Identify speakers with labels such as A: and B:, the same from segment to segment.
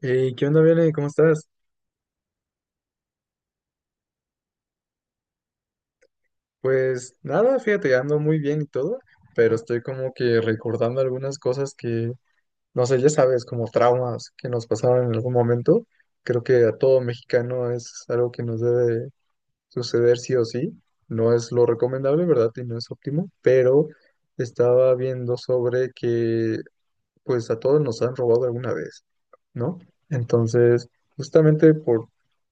A: Hey, ¿qué onda, Bele? ¿Cómo estás? Pues nada, fíjate, ando muy bien y todo, pero estoy como que recordando algunas cosas que, no sé, ya sabes, como traumas que nos pasaron en algún momento. Creo que a todo mexicano es algo que nos debe suceder sí o sí. No es lo recomendable, ¿verdad? Y no es óptimo, pero estaba viendo sobre que pues a todos nos han robado alguna vez, ¿no? Entonces, justamente por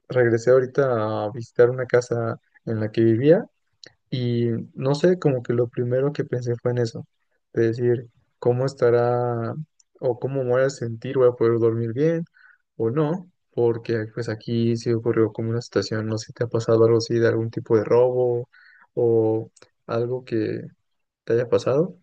A: regresé ahorita a visitar una casa en la que vivía y no sé, como que lo primero que pensé fue en eso, de decir, ¿cómo estará o cómo me voy a sentir? ¿Voy a poder dormir bien o no? Porque pues aquí sí ocurrió como una situación, no sé si te ha pasado algo así de algún tipo de robo o algo que te haya pasado.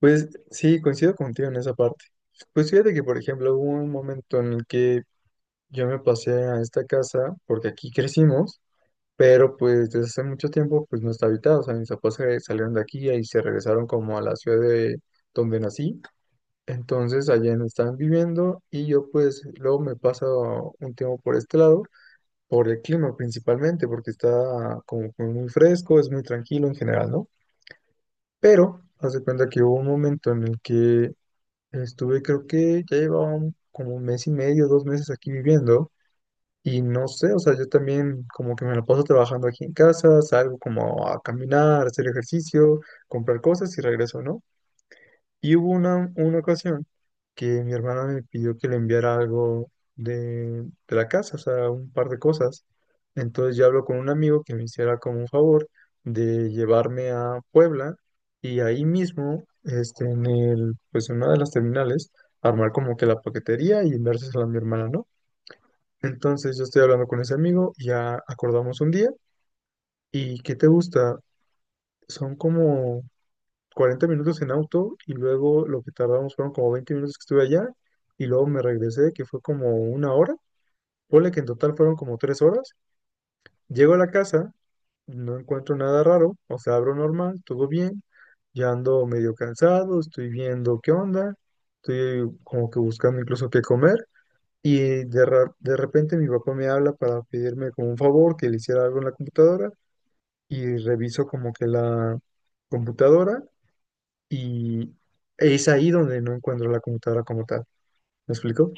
A: Pues sí, coincido contigo en esa parte. Pues fíjate que, por ejemplo, hubo un momento en el que yo me pasé a esta casa porque aquí crecimos, pero pues desde hace mucho tiempo pues no está habitada, o sea, mis papás se salieron de aquí y se regresaron como a la ciudad de donde nací, entonces allá no estaban viviendo y yo pues luego me paso un tiempo por este lado, por el clima principalmente, porque está como que muy fresco, es muy tranquilo en general, ¿no? Pero, haz de cuenta que hubo un momento en el que estuve, creo que ya llevaba como un mes y medio, 2 meses aquí viviendo y no sé, o sea, yo también como que me la paso trabajando aquí en casa, salgo como a caminar, hacer ejercicio, comprar cosas y regreso, ¿no? Y hubo una ocasión que mi hermana me pidió que le enviara algo de la casa, o sea, un par de cosas. Entonces yo hablo con un amigo que me hiciera como un favor de llevarme a Puebla y ahí mismo, este, en el, pues en una de las terminales, armar como que la paquetería y enviársela a mi hermana, ¿no? Entonces yo estoy hablando con ese amigo, ya acordamos un día y ¿qué te gusta? Son como 40 minutos en auto y luego lo que tardamos fueron como 20 minutos que estuve allá y luego me regresé, que fue como una hora. Ponle que en total fueron como 3 horas. Llego a la casa, no encuentro nada raro, o sea, abro normal, todo bien. Ya ando medio cansado, estoy viendo qué onda, estoy como que buscando incluso qué comer. Y de, de repente mi papá me habla para pedirme como un favor que le hiciera algo en la computadora y reviso como que la computadora y es ahí donde no encuentro la computadora como tal. ¿Me explico?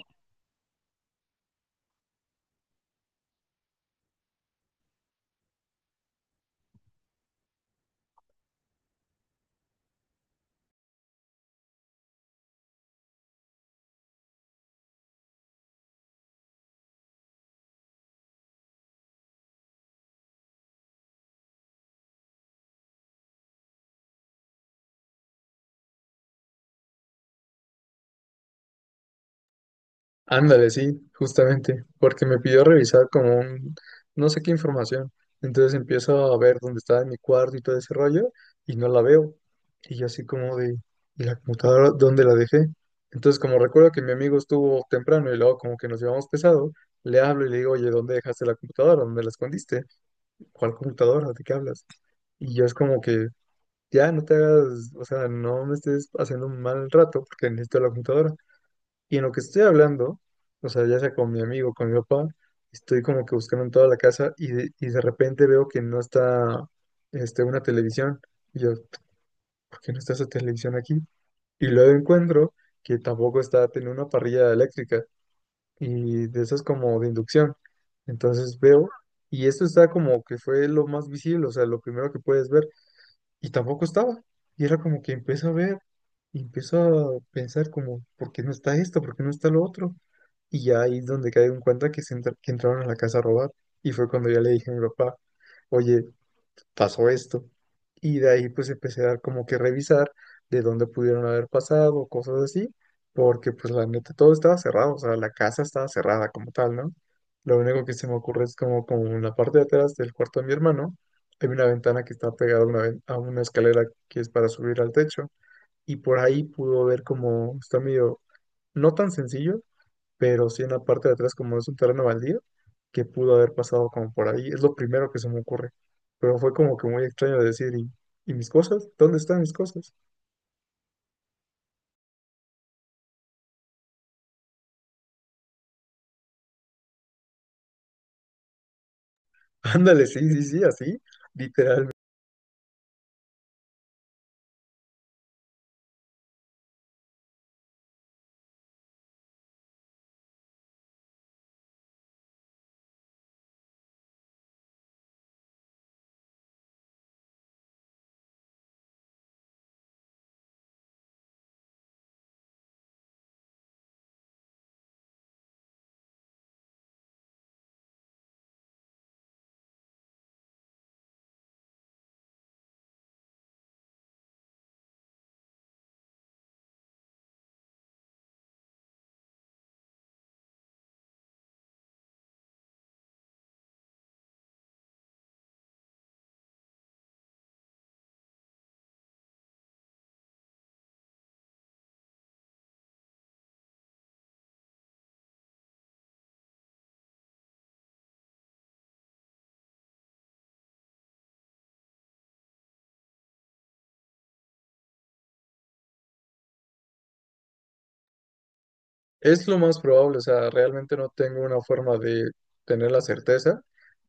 A: Ándale, sí, justamente, porque me pidió revisar como un, no sé qué información. Entonces empiezo a ver dónde está en mi cuarto y todo ese rollo y no la veo. Y yo así como de, ¿y la computadora dónde la dejé? Entonces como recuerdo que mi amigo estuvo temprano y luego como que nos llevamos pesado, le hablo y le digo, oye, ¿dónde dejaste la computadora? ¿Dónde la escondiste? ¿Cuál computadora? ¿De qué hablas? Y yo es como que ya no te hagas, o sea, no me estés haciendo un mal rato porque necesito la computadora. Y en lo que estoy hablando, o sea, ya sea con mi amigo, con mi papá, estoy como que buscando en toda la casa y de repente veo que no está este, una televisión. Y yo, ¿por qué no está esa televisión aquí? Y luego encuentro que tampoco está, tiene una parrilla eléctrica y de esas como de inducción. Entonces veo, y esto está como que fue lo más visible, o sea, lo primero que puedes ver y tampoco estaba. Y era como que empiezo a ver, y empiezo a pensar como, ¿por qué no está esto? ¿Por qué no está lo otro? Y ya ahí es donde caigo en cuenta que, que entraron a la casa a robar. Y fue cuando ya le dije a mi papá, oye, pasó esto. Y de ahí pues empecé a dar como que revisar de dónde pudieron haber pasado, cosas así, porque pues la neta todo estaba cerrado, o sea, la casa estaba cerrada como tal, ¿no? Lo único que se me ocurre es como, como en la parte de atrás del cuarto de mi hermano, hay una ventana que está pegada a una, a una escalera que es para subir al techo, y por ahí pudo ver como, está medio, no tan sencillo, pero sí en la parte de atrás, como es un terreno baldío, que pudo haber pasado como por ahí. Es lo primero que se me ocurre. Pero fue como que muy extraño de decir, ¿y mis cosas? ¿Dónde están mis cosas? Ándale, sí, sí, sí, así, literalmente. Es lo más probable, o sea, realmente no tengo una forma de tener la certeza,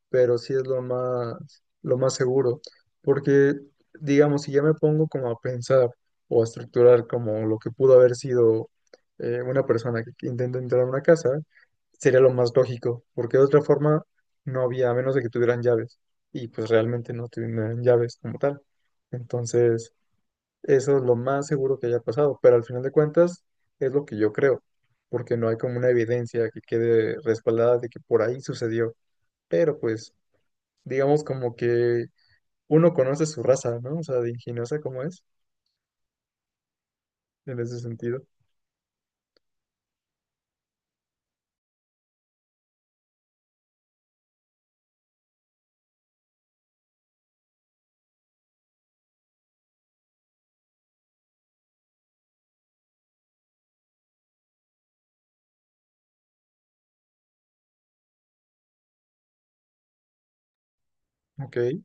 A: pero sí es lo más seguro, porque digamos, si ya me pongo como a pensar o a estructurar como lo que pudo haber sido una persona que intenta entrar a una casa, sería lo más lógico, porque de otra forma no había, a menos de que tuvieran llaves, y pues realmente no tuvieran llaves como tal. Entonces, eso es lo más seguro que haya pasado, pero al final de cuentas es lo que yo creo, porque no hay como una evidencia que quede respaldada de que por ahí sucedió, pero pues digamos como que uno conoce su raza, ¿no? O sea, de ingeniosa como es, en ese sentido. Ok.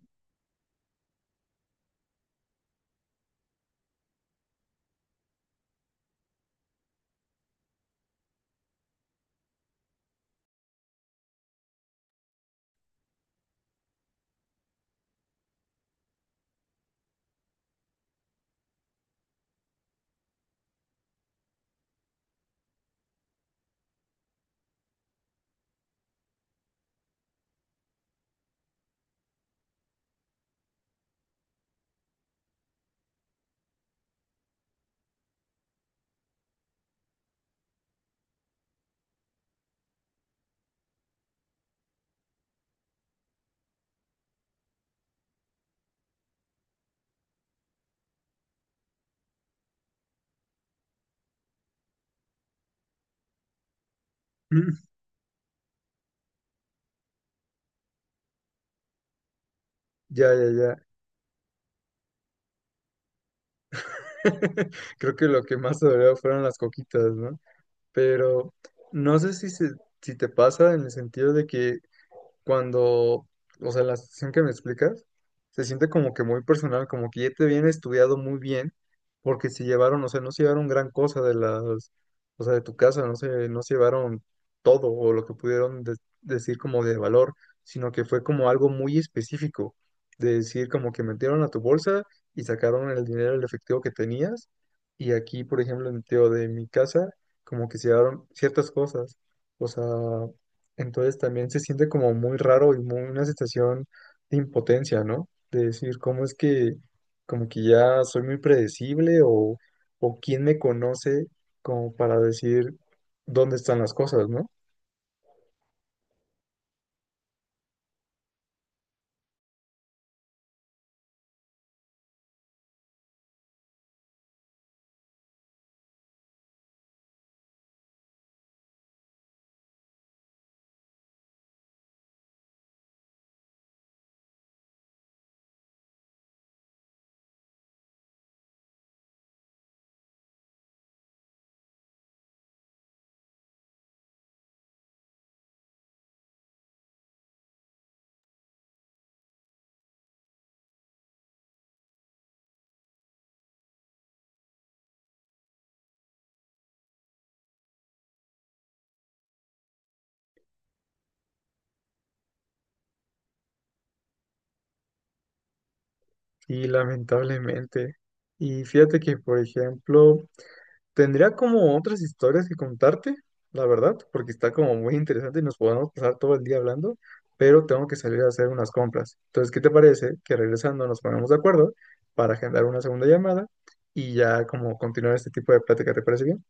A: Mm. Ya, ya, ya. Creo que lo que más dolió fueron las coquitas, ¿no? Pero no sé si, si te pasa en el sentido de que cuando, o sea, la situación que me explicas, se siente como que muy personal, como que ya te viene estudiado muy bien, porque se llevaron, o sea, no se llevaron gran cosa de las, o sea, de tu casa, no se llevaron todo o lo que pudieron decir como de valor, sino que fue como algo muy específico, de decir como que metieron a tu bolsa y sacaron el dinero, el efectivo que tenías, y aquí, por ejemplo, en el tío de mi casa, como que se llevaron ciertas cosas, o sea... Entonces también se siente como muy raro y muy una sensación de impotencia, ¿no? De decir, ¿cómo es que como que ya soy muy predecible o quién me conoce como para decir dónde están las cosas, ¿no? Y lamentablemente. Y fíjate que, por ejemplo, tendría como otras historias que contarte, la verdad, porque está como muy interesante y nos podemos pasar todo el día hablando, pero tengo que salir a hacer unas compras. Entonces, ¿qué te parece que regresando nos ponemos de acuerdo para agendar una segunda llamada y ya como continuar este tipo de plática? ¿Te parece bien?